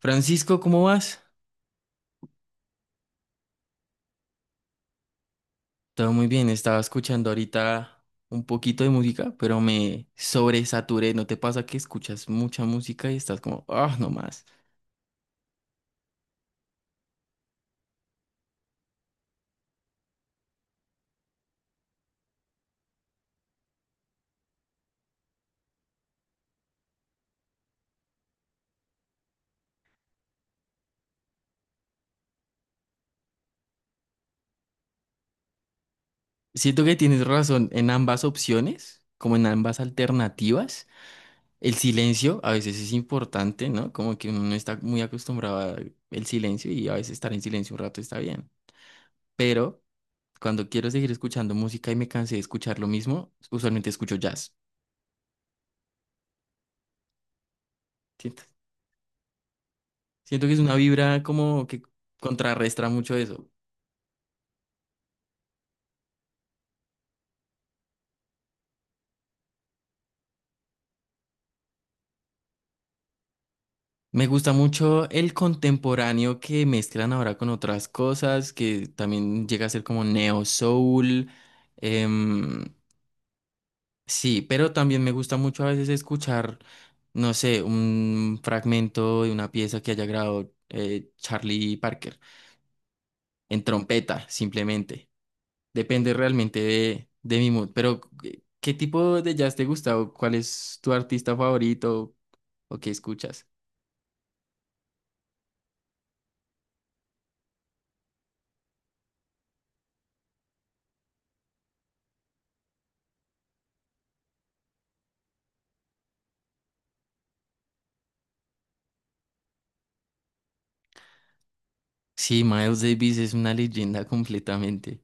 Francisco, ¿cómo vas? Todo muy bien, estaba escuchando ahorita un poquito de música, pero me sobresaturé. ¿No te pasa que escuchas mucha música y estás como, ah, no más? Siento que tienes razón en ambas opciones, como en ambas alternativas. El silencio a veces es importante, ¿no? Como que uno no está muy acostumbrado al silencio y a veces estar en silencio un rato está bien. Pero cuando quiero seguir escuchando música y me cansé de escuchar lo mismo, usualmente escucho jazz. ¿Sí? Siento que es una vibra como que contrarrestra mucho eso. Me gusta mucho el contemporáneo que mezclan ahora con otras cosas, que también llega a ser como neo soul. em, sí, pero también me gusta mucho a veces escuchar, no sé, un fragmento de una pieza que haya grabado Charlie Parker en trompeta, simplemente. Depende realmente de mi mood. Pero, ¿qué tipo de jazz te gusta? ¿O cuál es tu artista favorito? ¿O qué escuchas? Sí, Miles Davis es una leyenda completamente.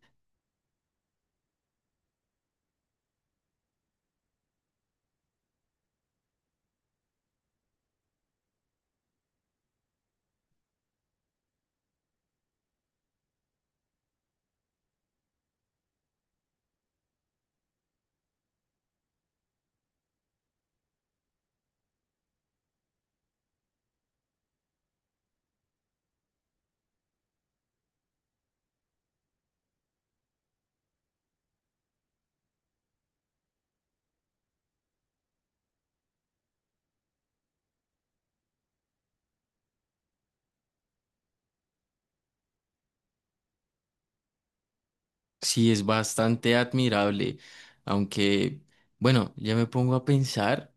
Sí, es bastante admirable. Aunque, bueno, ya me pongo a pensar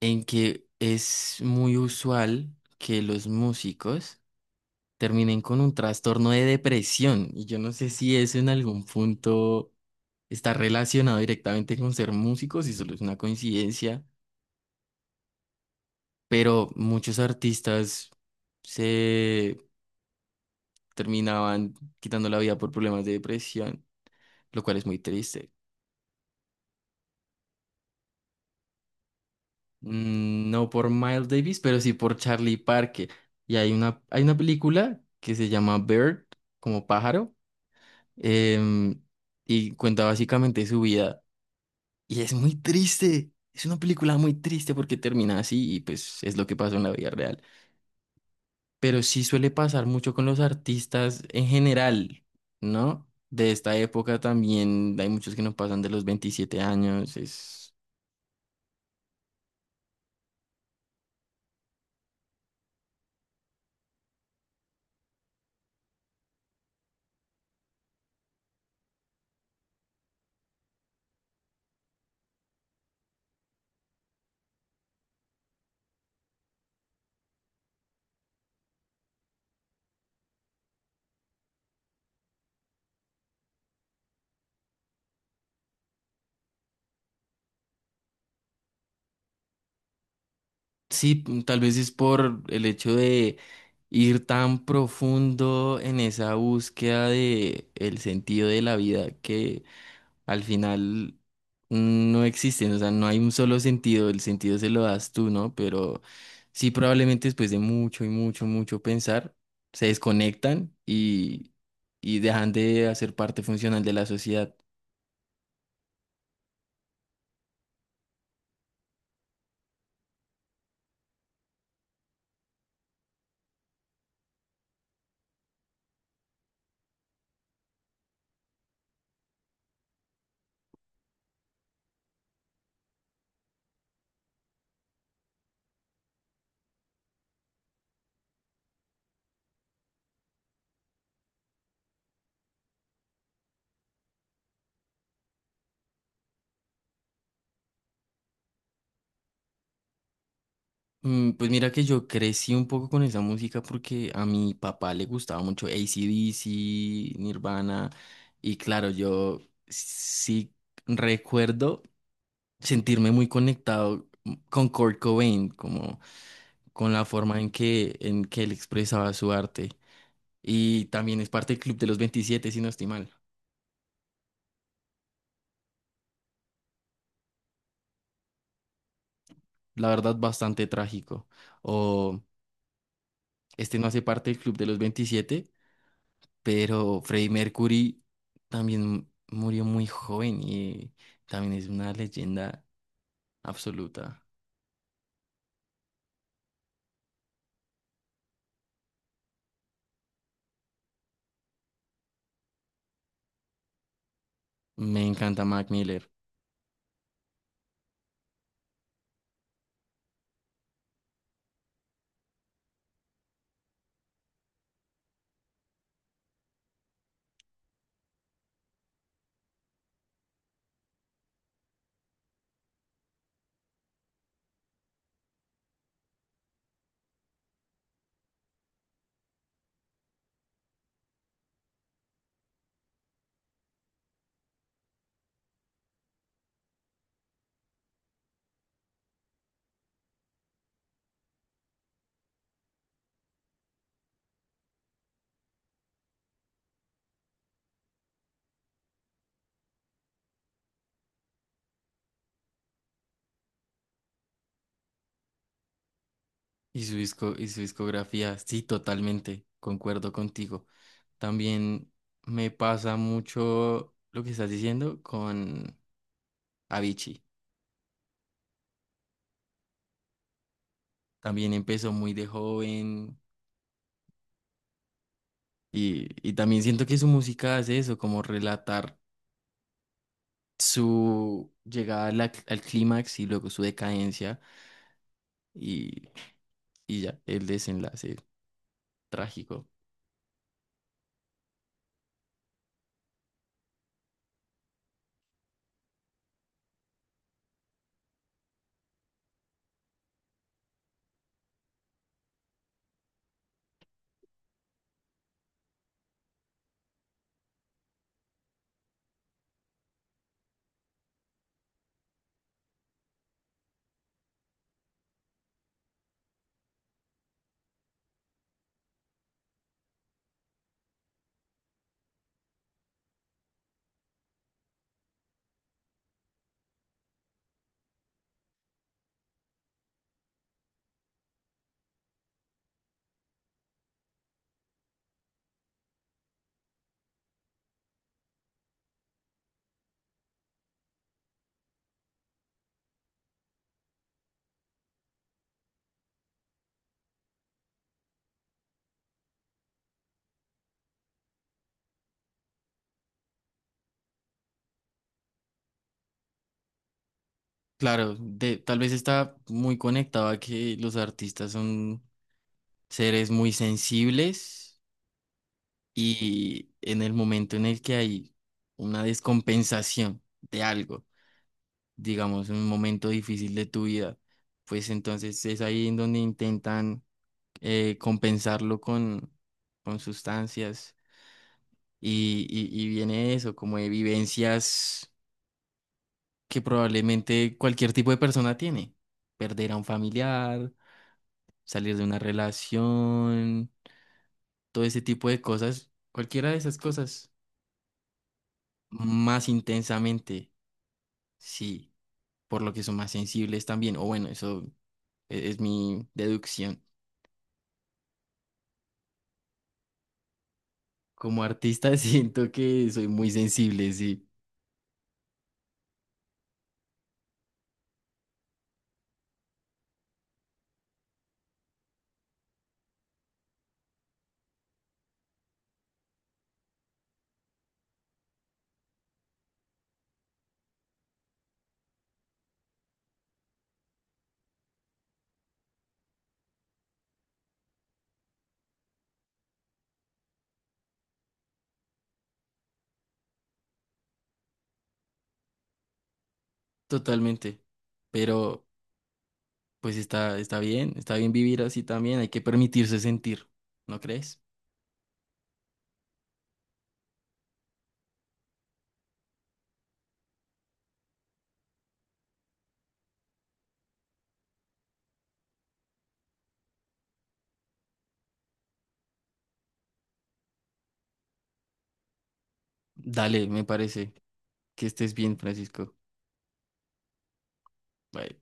en que es muy usual que los músicos terminen con un trastorno de depresión. Y yo no sé si eso en algún punto está relacionado directamente con ser músicos y solo es una coincidencia, pero muchos artistas se terminaban quitando la vida por problemas de depresión, lo cual es muy triste. Mm, no por Miles Davis, pero sí por Charlie Parker. Y hay una película que se llama Bird, como pájaro, em, y cuenta básicamente su vida. Y es muy triste. Es una película muy triste porque termina así y pues es lo que pasó en la vida real. Pero sí suele pasar mucho con los artistas en general, ¿no? De esta época también hay muchos que no pasan de los 27 años. Es... Sí, mm, tal vez es por el hecho de ir tan profundo en esa búsqueda de el sentido de la vida que al final no existen, o sea, no hay un solo sentido, el sentido se lo das tú, ¿no? Pero sí, probablemente después de mucho y mucho pensar, se desconectan y dejan de hacer parte funcional de la sociedad. Mm, pues mira que yo crecí un poco con esa música porque a mi papá le gustaba mucho AC/DC, Nirvana, y claro, yo sí recuerdo sentirme muy conectado con Kurt Cobain, como con la forma en que, él expresaba su arte. Y también es parte del Club de los veintisiete si no estoy mal. La verdad, bastante trágico. O este no hace parte del Club de los veintisiete, pero Freddie Mercury también murió muy joven y también es una leyenda absoluta. Me encanta Mac Miller y su discografía. Sí, totalmente, concuerdo contigo. También me pasa mucho lo que estás diciendo con Avicii. También empezó muy de joven y también siento que su música hace eso, como relatar su llegada a al clímax y luego su decadencia y, y ya, el desenlace trágico. Claro, de, tal vez está muy conectado a que los artistas son seres muy sensibles y en el momento en el que hay una descompensación de algo, digamos, un momento difícil de tu vida, pues entonces es ahí en donde intentan compensarlo con sustancias y, y viene eso, como de vivencias que probablemente cualquier tipo de persona tiene, perder a un familiar, salir de una relación, todo ese tipo de cosas, cualquiera de esas cosas, más intensamente, sí, por lo que son más sensibles también, o bueno, eso es mi deducción. Como artista siento que soy muy sensible, sí, totalmente. Pero pues está, está bien vivir así también, hay que permitirse sentir, ¿no crees? Dale, me parece. Que estés bien, Francisco. Bye.